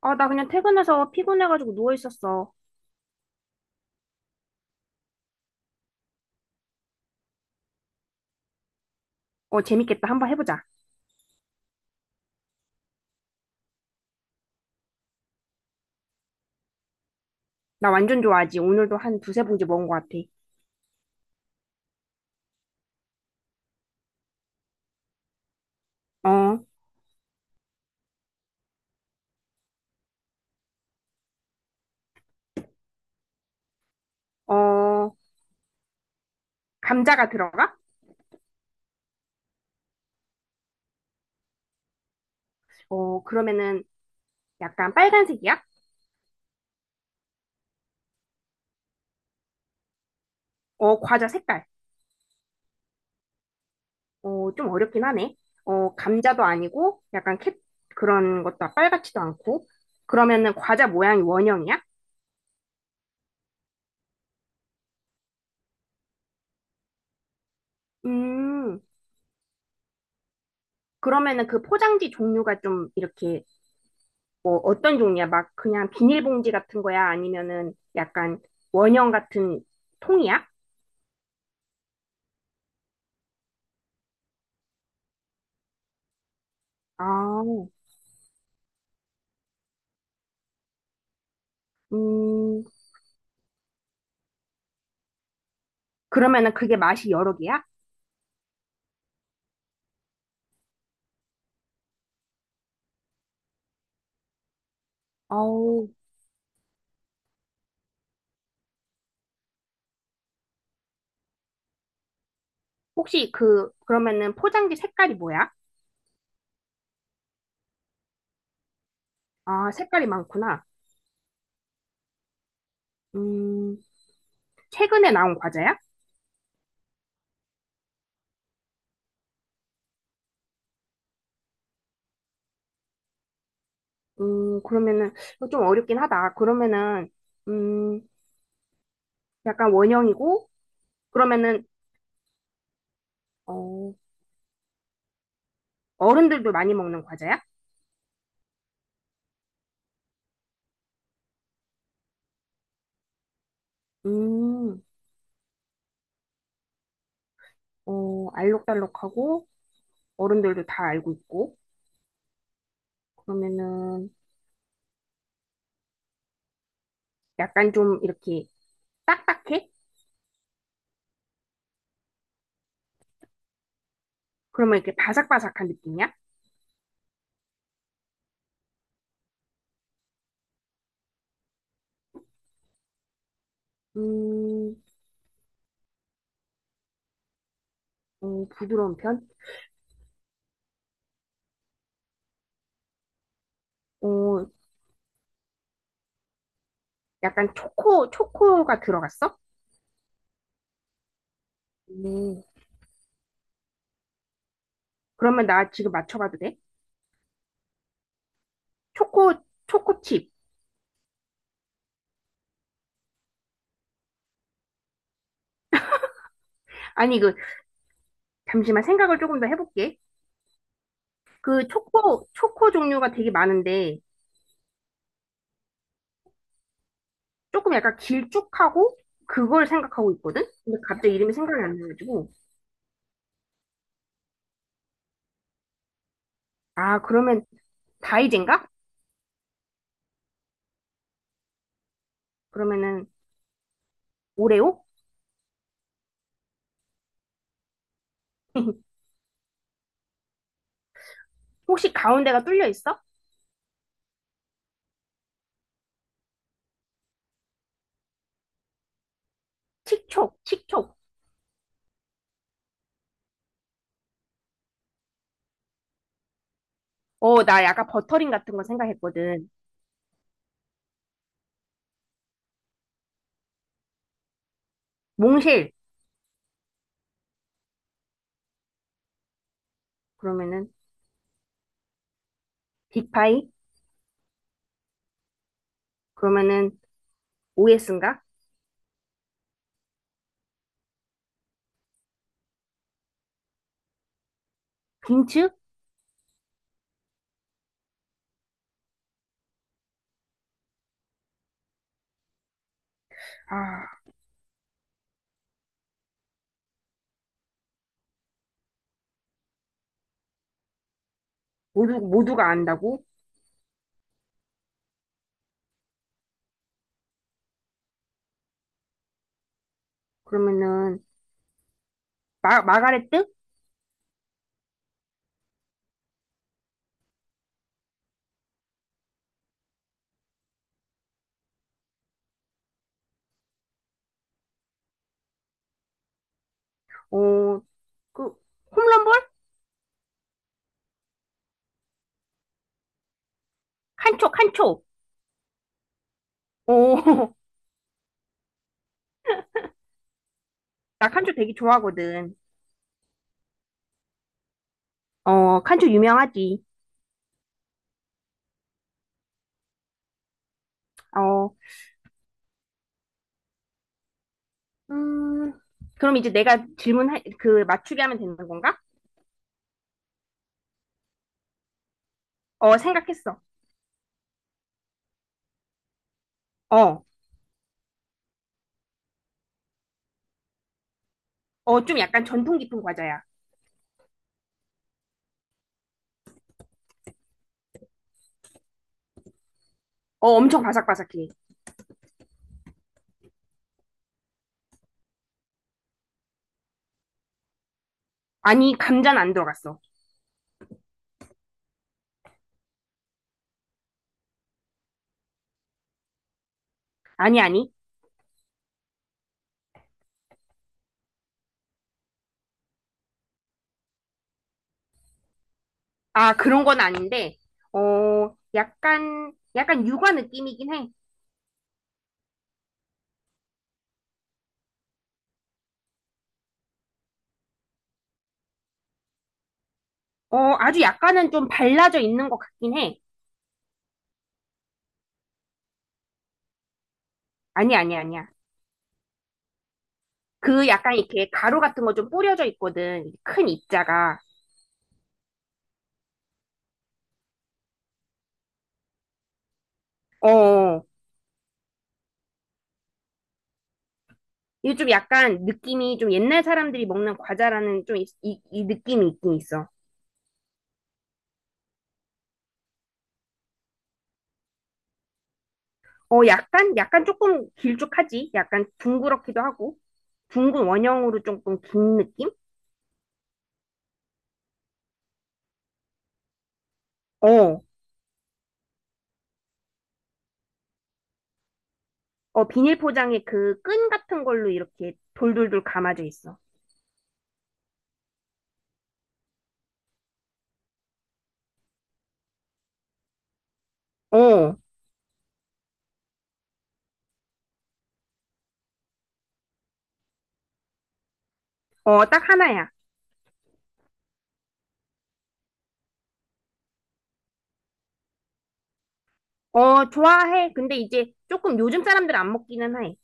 아, 나 그냥 퇴근해서 피곤해가지고 누워 있었어. 어, 재밌겠다. 한번 해보자. 나 완전 좋아하지. 오늘도 한 두세 봉지 먹은 것 같아. 어, 어, 감자가 들어가? 어, 그러면은 약간 빨간색이야? 어, 과자 색깔. 어, 좀 어렵긴 하네. 어, 감자도 아니고 약간 캣 그런 것도 빨갛지도 않고. 그러면은 과자 모양이 원형이야? 음, 그러면은 그 포장지 종류가 좀 이렇게 뭐 어떤 종류야? 막 그냥 비닐봉지 같은 거야? 아니면은 약간 원형 같은 통이야? 아, 음, 그러면은 그게 맛이 여러 개야? 어우, 혹시 그, 그러면은 포장지 색깔이 뭐야? 아, 색깔이 많구나. 음, 최근에 나온 과자야? 그러면은 이거 좀 어렵긴 하다. 그러면은, 음, 약간 원형이고, 그러면은, 어, 어른들도 많이 먹는 과자야? 음, 어, 알록달록하고, 어른들도 다 알고 있고, 그러면은 약간 좀 이렇게 딱딱해? 그러면 이렇게 바삭바삭한 느낌이야? 음, 어, 부드러운 편? 어, 약간 초코가 들어갔어? 음, 그러면 나 지금 맞춰봐도 돼? 초코, 초코칩. 아니, 그, 잠시만 생각을 조금 더 해볼게. 그 초코 종류가 되게 많은데, 조금 약간 길쭉하고, 그걸 생각하고 있거든? 근데 갑자기 이름이 생각이 안 나가지고. 아, 그러면 다이젠가? 그러면은 오레오? 혹시 가운데가 뚫려 있어? 칙촉, 칙촉. 어, 나 약간 버터링 같은 거 생각했거든. 몽실. 그러면은 빅파이. 그러면은 OS인가? 빈츠? 아, 모두 모두가 안다고? 그러면은 마 마가레트? 어, 그 홈런볼? 칸초, 칸초. 어, 나 칸초 되게 좋아하거든. 어, 칸초 유명하지. 어, 음, 그럼 이제 내가 질문 할 그 맞추게 하면 되는 건가? 어, 생각했어. 어, 어, 좀 약간 전통 깊은 과자야. 어, 엄청 바삭바삭해. 아니, 감자는 안 들어갔어. 아니, 아니. 아, 그런 건 아닌데, 어, 약간 육아 느낌이긴 해. 어, 아주 약간은 좀 발라져 있는 것 같긴 해. 아니, 아니, 아니야. 그 약간 이렇게 가루 같은 거 좀 뿌려져 있거든. 큰 입자가. 어, 이게 좀 약간 느낌이 좀 옛날 사람들이 먹는 과자라는 좀 이 느낌이 있긴 있어. 어, 약간 조금 길쭉하지? 약간 둥그렇기도 하고, 둥근 원형으로 조금 긴 느낌? 어. 어, 비닐 포장에 그 끈 같은 걸로 이렇게 돌돌돌 감아져 있어. 어, 어, 딱 하나야. 어, 좋아해. 근데 이제 조금 요즘 사람들 안 먹기는 해.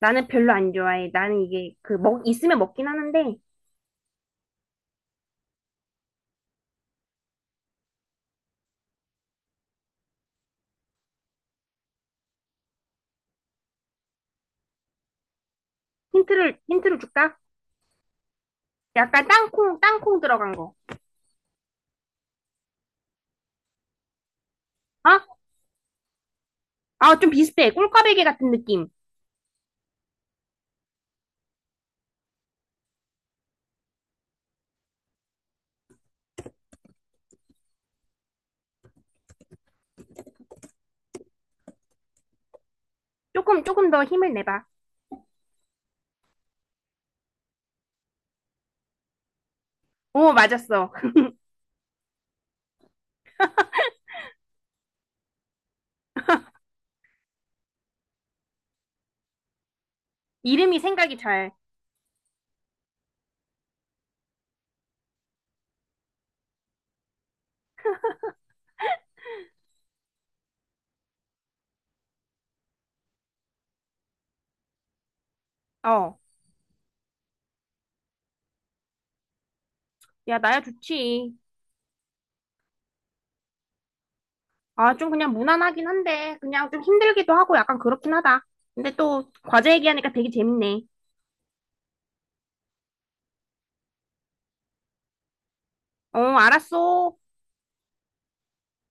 나는 별로 안 좋아해. 나는 이게 그 있으면 먹긴 하는데 힌트를 줄까? 약간 땅콩, 땅콩 들어간 거. 어? 아, 좀 비슷해. 꿀꽈배기 같은 느낌. 조금, 조금 더 힘을 내봐. 어, 맞았어. 이름이 생각이 잘. 어, 야, 나야 좋지. 아, 좀 그냥 무난하긴 한데, 그냥 좀 힘들기도 하고 약간 그렇긴 하다. 근데 또 과제 얘기하니까 되게 재밌네. 어, 알았어.